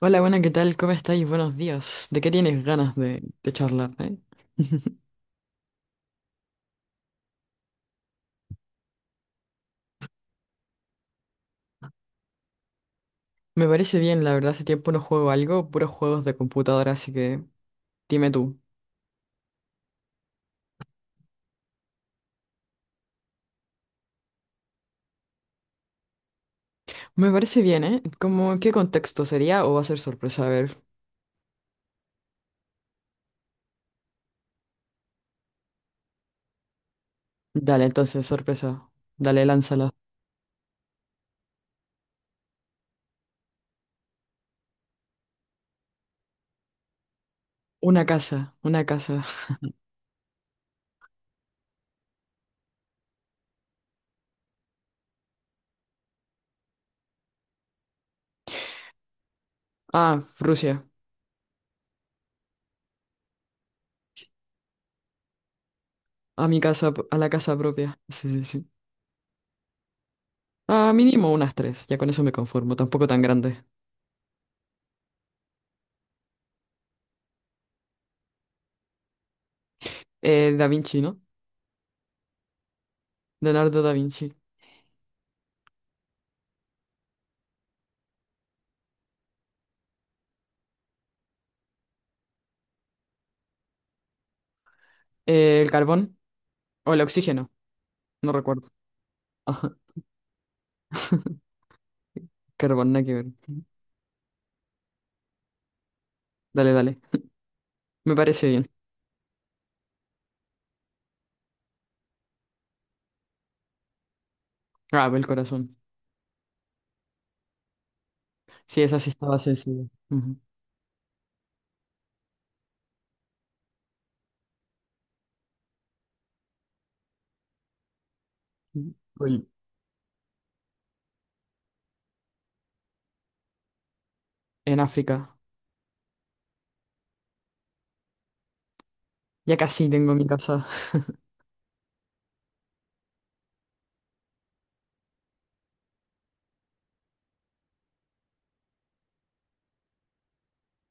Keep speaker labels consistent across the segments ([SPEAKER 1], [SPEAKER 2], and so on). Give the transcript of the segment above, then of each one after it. [SPEAKER 1] Hola, buena, ¿qué tal? ¿Cómo estáis? Buenos días. ¿De qué tienes ganas de charlar, Me parece bien, la verdad, hace tiempo no juego algo, puros juegos de computadora, así que dime tú. Me parece bien, ¿eh? ¿Cómo, en qué contexto sería o va a ser sorpresa? A ver. Dale, entonces, sorpresa. Dale, lánzala. Una casa, una casa. Ah, Rusia. A mi casa, a la casa propia. Sí, sí, sí. Ah, mínimo unas tres, ya con eso me conformo, tampoco tan grande. Da Vinci, ¿no? Leonardo da Vinci. El carbón o el oxígeno. No recuerdo. Ajá, carbón, nada que ver. Dale, dale. Me parece bien. Ah, el corazón. Sí, esa sí estaba sencilla. Ujú. Uy, en África. Ya casi tengo mi casa.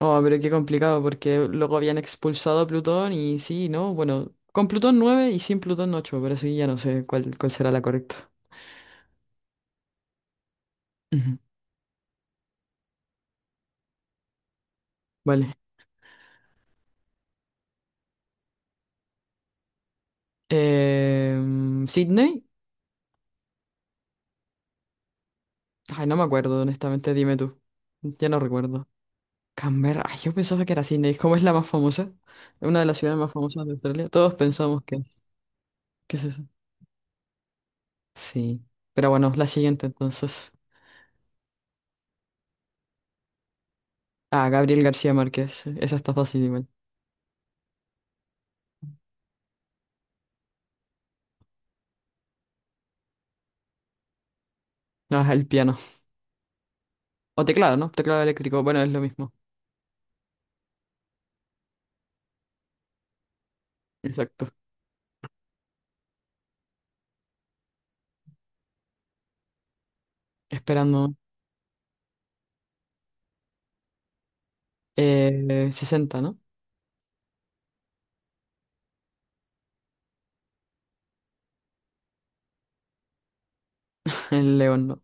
[SPEAKER 1] Oh, pero qué complicado, porque luego habían expulsado a Plutón y sí, ¿no? Bueno, con Plutón 9 y sin Plutón 8 pero así ya no sé cuál será la correcta. Ujú. Vale. Eh, ¿Sydney? Ay, no me acuerdo, honestamente, dime tú. Ya no recuerdo. Canberra, ay, yo pensaba que era Sydney. ¿Cómo es la más famosa? Es una de las ciudades más famosas de Australia. Todos pensamos que es. ¿Qué es eso? Sí. Pero bueno, la siguiente entonces. Ah, Gabriel García Márquez. Esa está fácil igual. Ah, el piano. O teclado, ¿no? Teclado eléctrico. Bueno, es lo mismo. Exacto. Esperando. 60, ¿no? El León, ¿no?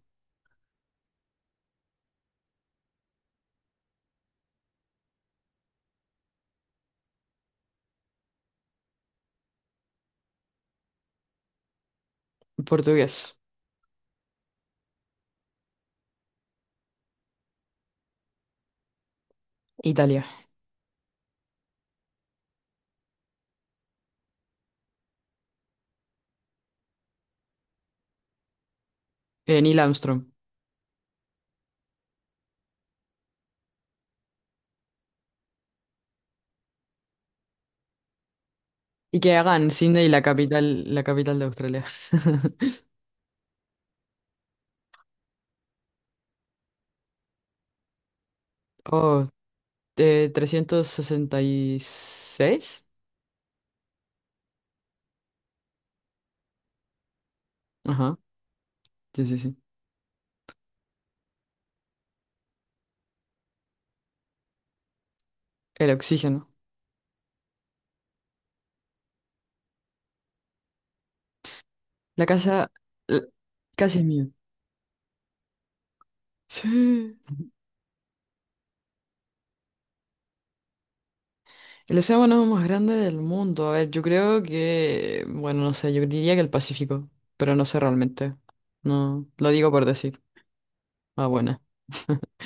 [SPEAKER 1] Portugués. Italia. Neil Armstrong. Y que hagan Sydney la capital de Australia. Oh, 366. Ajá. Sí, sí, sí. El oxígeno. La casa eh, casi es mía. Sí. El océano más grande del mundo. A ver, yo creo que, bueno, no sé, yo diría que el Pacífico, pero no sé realmente. No, lo digo por decir. Ah, buena.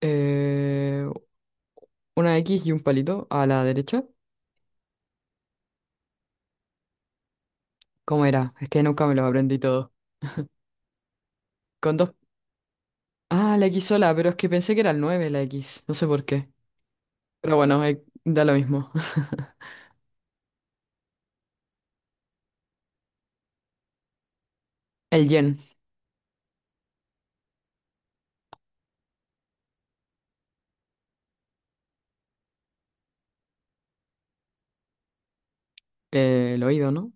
[SPEAKER 1] Eh, una X y un palito a la derecha. ¿Cómo era? Es que nunca me lo aprendí todo. Con dos... Ah, la X sola, pero es que pensé que era el 9 la X. No sé por qué. Pero bueno, da lo mismo. El yen. El oído, ¿no?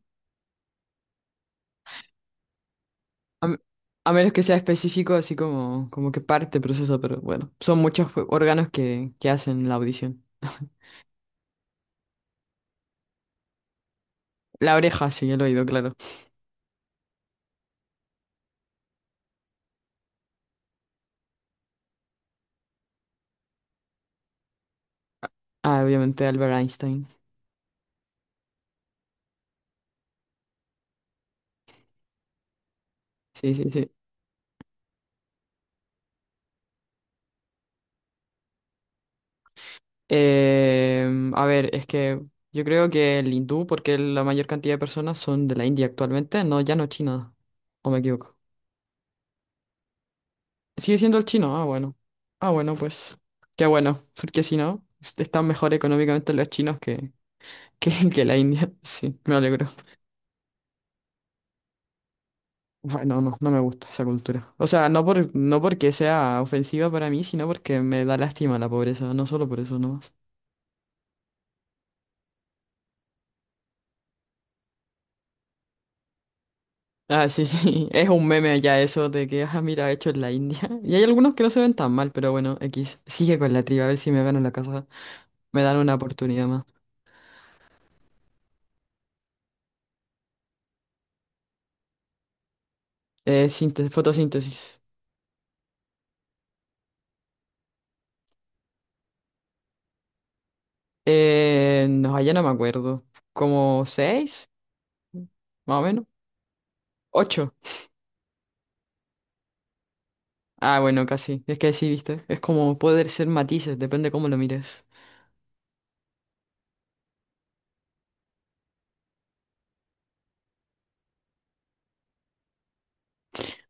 [SPEAKER 1] A, m- a menos que sea específico, así como, como que parte proceso, pero bueno, son muchos órganos que hacen la audición. La oreja, sí, el oído, claro. Ah, obviamente Albert Einstein. Sí, sí, sí. A ver, es que yo creo que el hindú, porque la mayor cantidad de personas son de la India actualmente, no, ya no China, o me equivoco. Sigue siendo el chino, ah, bueno. Ah, bueno, pues qué bueno, porque si no, están mejor económicamente los chinos que, que la India. Sí, me alegro. Bueno, no, no me gusta esa cultura. O sea, no porque sea ofensiva para mí, sino porque me da lástima la pobreza, no solo por eso nomás. Ah, sí, sí, es un meme ya eso de que, ah, mira, hecho en la India. Y hay algunos que no se ven tan mal, pero bueno, X, sigue con la triba, a ver si me gano la casa, me dan una oportunidad más. Fotosíntesis. No, allá no me acuerdo. ¿Como 6? Más o menos. ¿8? Ah, bueno, casi. Es que sí, viste. Es como poder ser matices, depende cómo lo mires.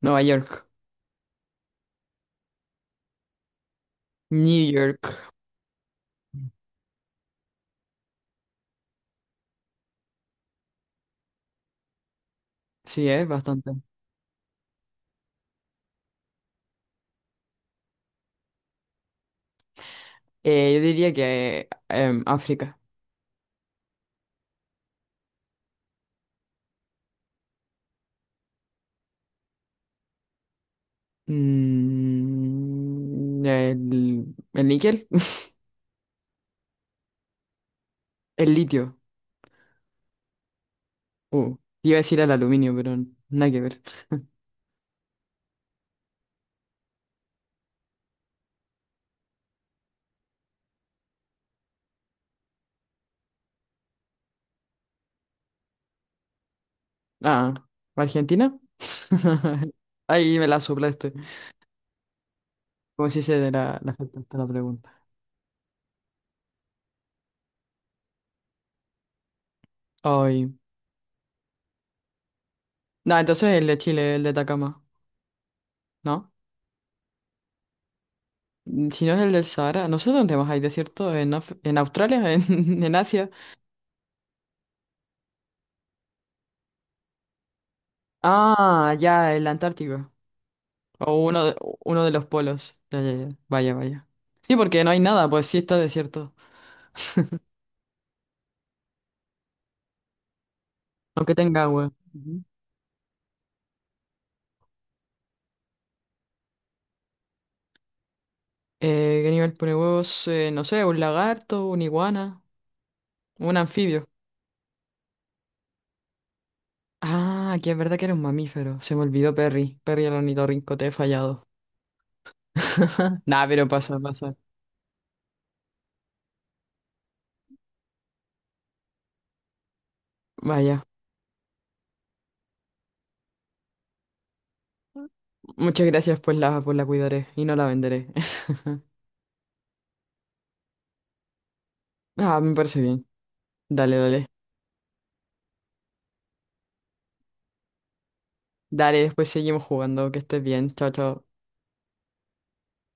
[SPEAKER 1] Nueva York. New York. Sí, es bastante. Yo diría que África. Mm, el, el níquel. El litio. Uh, te iba a decir el aluminio, pero nada que ver. Ah, ¿Argentina? Ahí me la soplaste. Como si se de la falta hasta la pregunta. Ay. No, entonces el de Chile, el de Atacama, ¿no? Mm, si no es el del Sahara, no sé dónde más hay desierto, en Australia, en Asia. Ah, ya, el Antártico. O uno de los polos. Ya, ya, ya. Vaya, vaya. Sí, porque no hay nada, pues sí está desierto. Aunque tenga agua. Ujú. ¿Qué nivel pone huevos? No sé, un lagarto, una iguana, un anfibio. Ah, aquí es verdad que era un mamífero. Se me olvidó Perry. Perry el ornitorrinco, te he fallado. Nah, pero pasa, pasa. Vaya. Muchas gracias, pues pues la cuidaré y no la venderé. Ah, me parece bien. Dale, dale. Dale, después seguimos jugando. Que estés bien. Chao, chao.